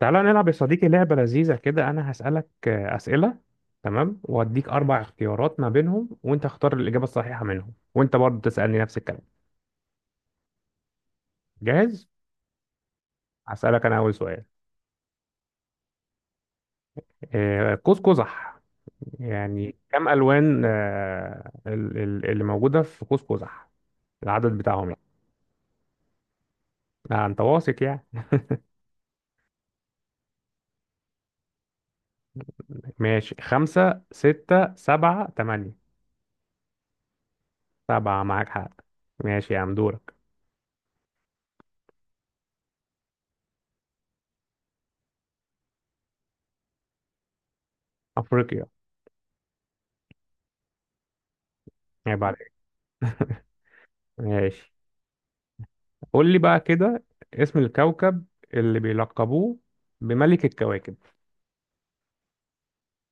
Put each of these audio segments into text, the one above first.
تعالى نلعب يا صديقي لعبة لذيذة كده. أنا هسألك أسئلة. تمام، وأديك أربع اختيارات ما بينهم وأنت اختار الإجابة الصحيحة منهم، وأنت برضه تسألني نفس الكلام. جاهز؟ هسألك أنا أول سؤال. قوس قزح يعني كم ألوان اللي موجودة في قوس قزح، العدد بتاعهم يعني. أنت واثق يعني؟ ماشي، خمسة ستة سبعة تمانية. سبعة، معاك حق. ماشي يا عم، دورك. أفريقيا. عيب عليك. ماشي. قول لي بقى كده، اسم الكوكب اللي بيلقبوه بملك الكواكب.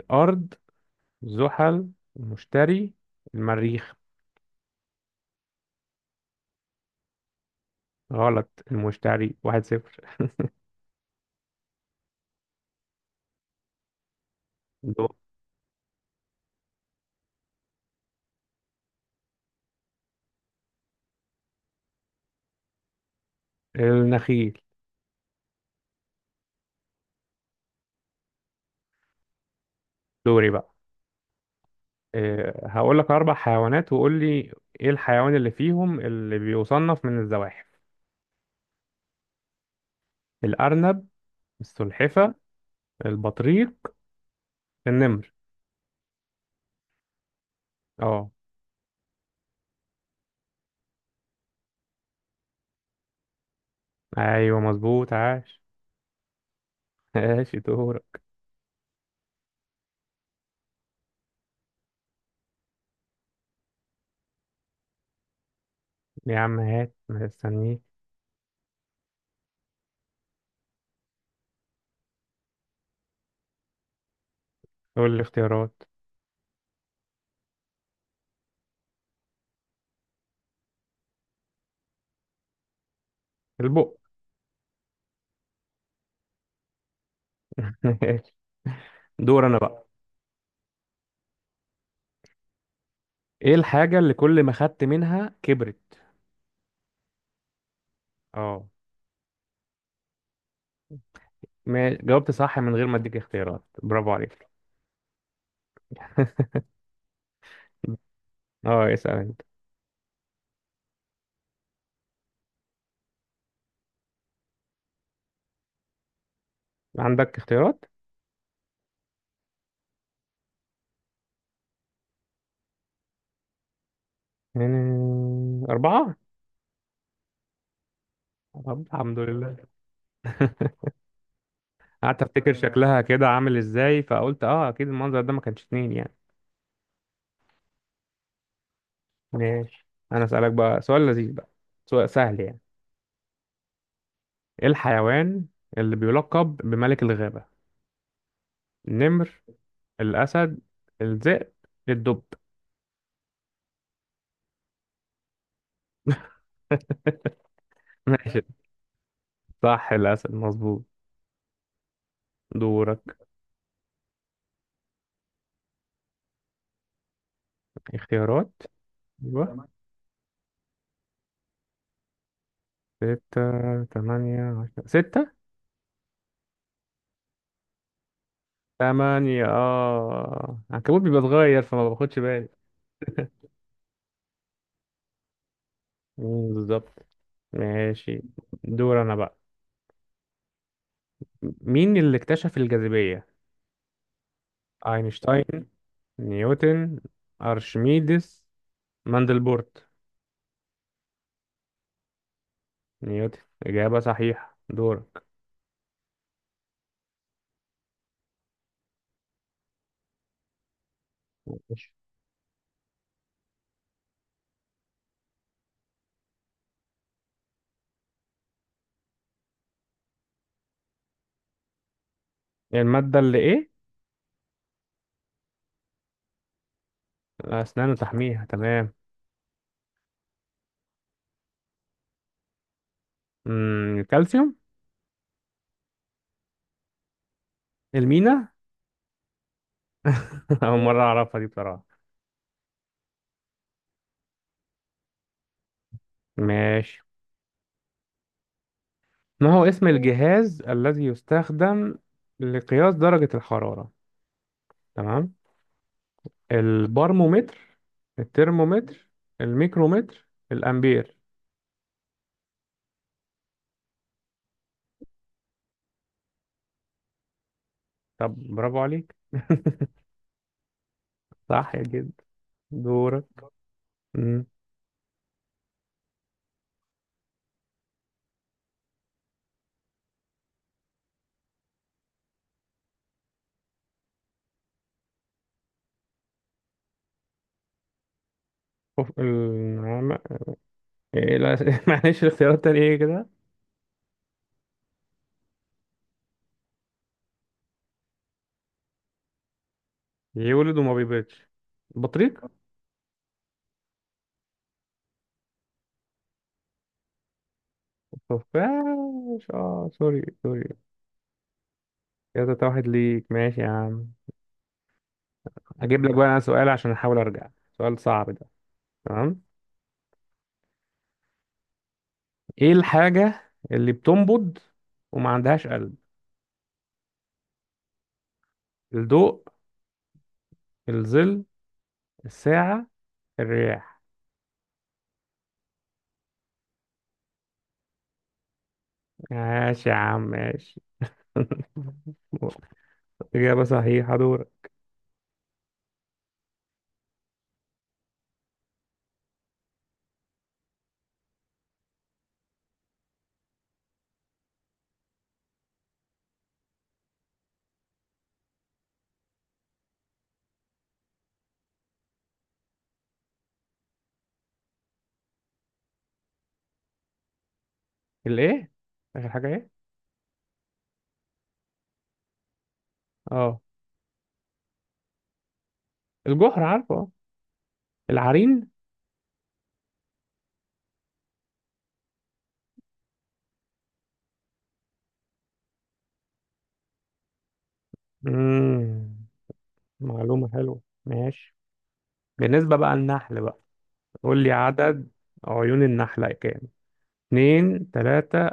الأرض، زحل، المشتري، المريخ. غلط، المشتري. واحد صفر. دو- النخيل. دوري بقى. أه، هقول لك أربع حيوانات وقول لي إيه الحيوان اللي فيهم اللي بيصنف من الزواحف. الأرنب، السلحفة، البطريق، النمر. اه، أيوه مظبوط، عاش. ماشي، دور. يا عم هات، مستنيك. قول لي اختيارات. البق. دور انا بقى. ايه الحاجة اللي كل ما خدت منها كبرت؟ اه. ما جاوبت صح من غير ما اديك اختيارات، برافو عليك. اه، اسأل انت. عندك اختيارات؟ يعني أربعة. طب الحمد لله. قعدت افتكر شكلها كده عامل ازاي، فقلت اه اكيد المنظر ده ما كانش اتنين يعني. ماشي، انا اسألك بقى سؤال لذيذ بقى، سؤال سهل يعني. ايه الحيوان اللي بيلقب بملك الغابة؟ النمر، الأسد، الذئب، الدب. ماشي، صح الأسد، مظبوط. دورك. اختيارات. أيوه تمام. ستة تمانية عشرة ستة تمانية. اه العنكبوت بيبقى صغير فما باخدش بالي. مم، بالظبط. ماشي، دور أنا بقى. مين اللي اكتشف الجاذبية؟ أينشتاين، نيوتن، أرشميدس، ماندلبورت. نيوتن. إجابة صحيحة، دورك. ماشي. المادة اللي إيه؟ أسنان وتحميها، تمام. مم، الكالسيوم. المينا. أول مرة أعرفها دي بصراحة. ماشي. ما هو اسم الجهاز الذي يستخدم لقياس درجة الحرارة؟ تمام. البارمومتر، الترمومتر، الميكرومتر، الأمبير. طب برافو عليك. صح جدا. دورك. مم. أوف، النعامة. إيه لا. معلش الاختيارات التانية ايه كده؟ يولد وما بيبيضش. بطريق. خفاش، اه سوري سوري. كده تلاتة واحد ليك، ماشي يا عم. اجيب لك بقى انا سؤال عشان احاول ارجع، سؤال صعب ده. تمام. ايه الحاجة اللي بتنبض وما عندهاش قلب؟ الضوء، الظل، الساعة، الرياح. ماشي يا عم، ماشي. إجابة صحيحة، دور. الإيه؟ آخر حاجة إيه؟ اه الجحر عارفه، اه. العرين. مم. معلومة حلوة، ماشي. بالنسبة بقى للنحل بقى، قول لي عدد عيون النحلة كام. اتنين تلاتة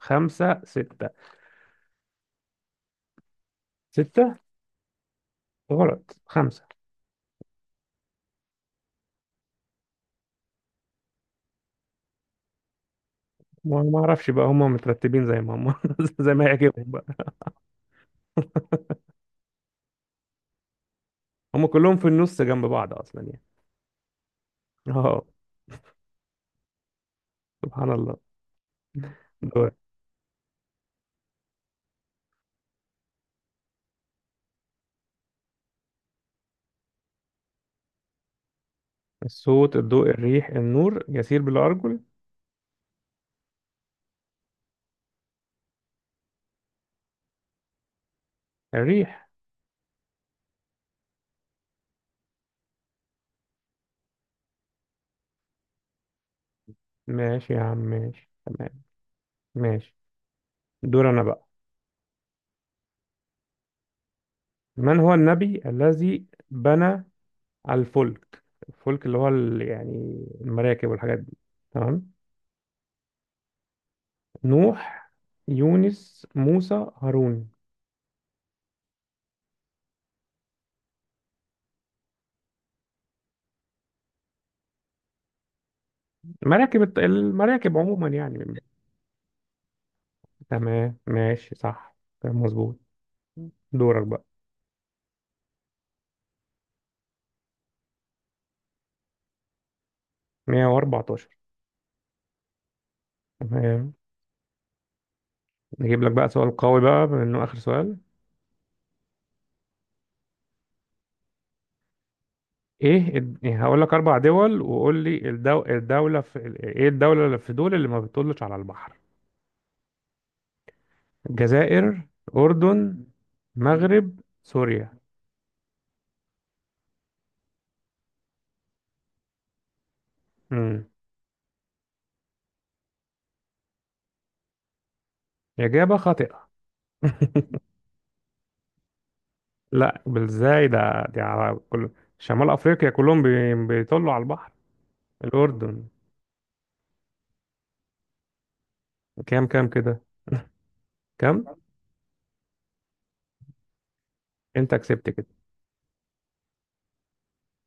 خمسة ستة. ستة؟ غلط، خمسة. ما اعرفش بقى، هم مترتبين زي ما هم، زي ما يعجبهم بقى. هم كلهم في النص جنب بعض اصلا يعني. اه. سبحان الله. دور. الصوت الضوء الريح النور يسير بلا ارجل. الريح. ماشي يا عم، ماشي تمام. ماشي، دور انا بقى. من هو النبي الذي بنى الفلك؟ الفلك اللي هو يعني المراكب والحاجات دي، تمام. نوح، يونس، موسى، هارون. مراكب، المراكب عموما يعني. تمام، ماشي صح. تمام مظبوط. دورك بقى. 114. تمام، نجيب لك بقى سؤال قوي بقى بما انه اخر سؤال. إيه، هقول لك اربع دول وقول لي الدولة في، ايه الدولة اللي في دول اللي ما بتطلش على البحر. الجزائر، اردن، مغرب، سوريا. امم. اجابة خاطئة. لا، بالزاي ده، دي على كل. شمال افريقيا كلهم بيطلوا على البحر. الاردن. كام كام كده؟ كام؟ انت كسبت كده.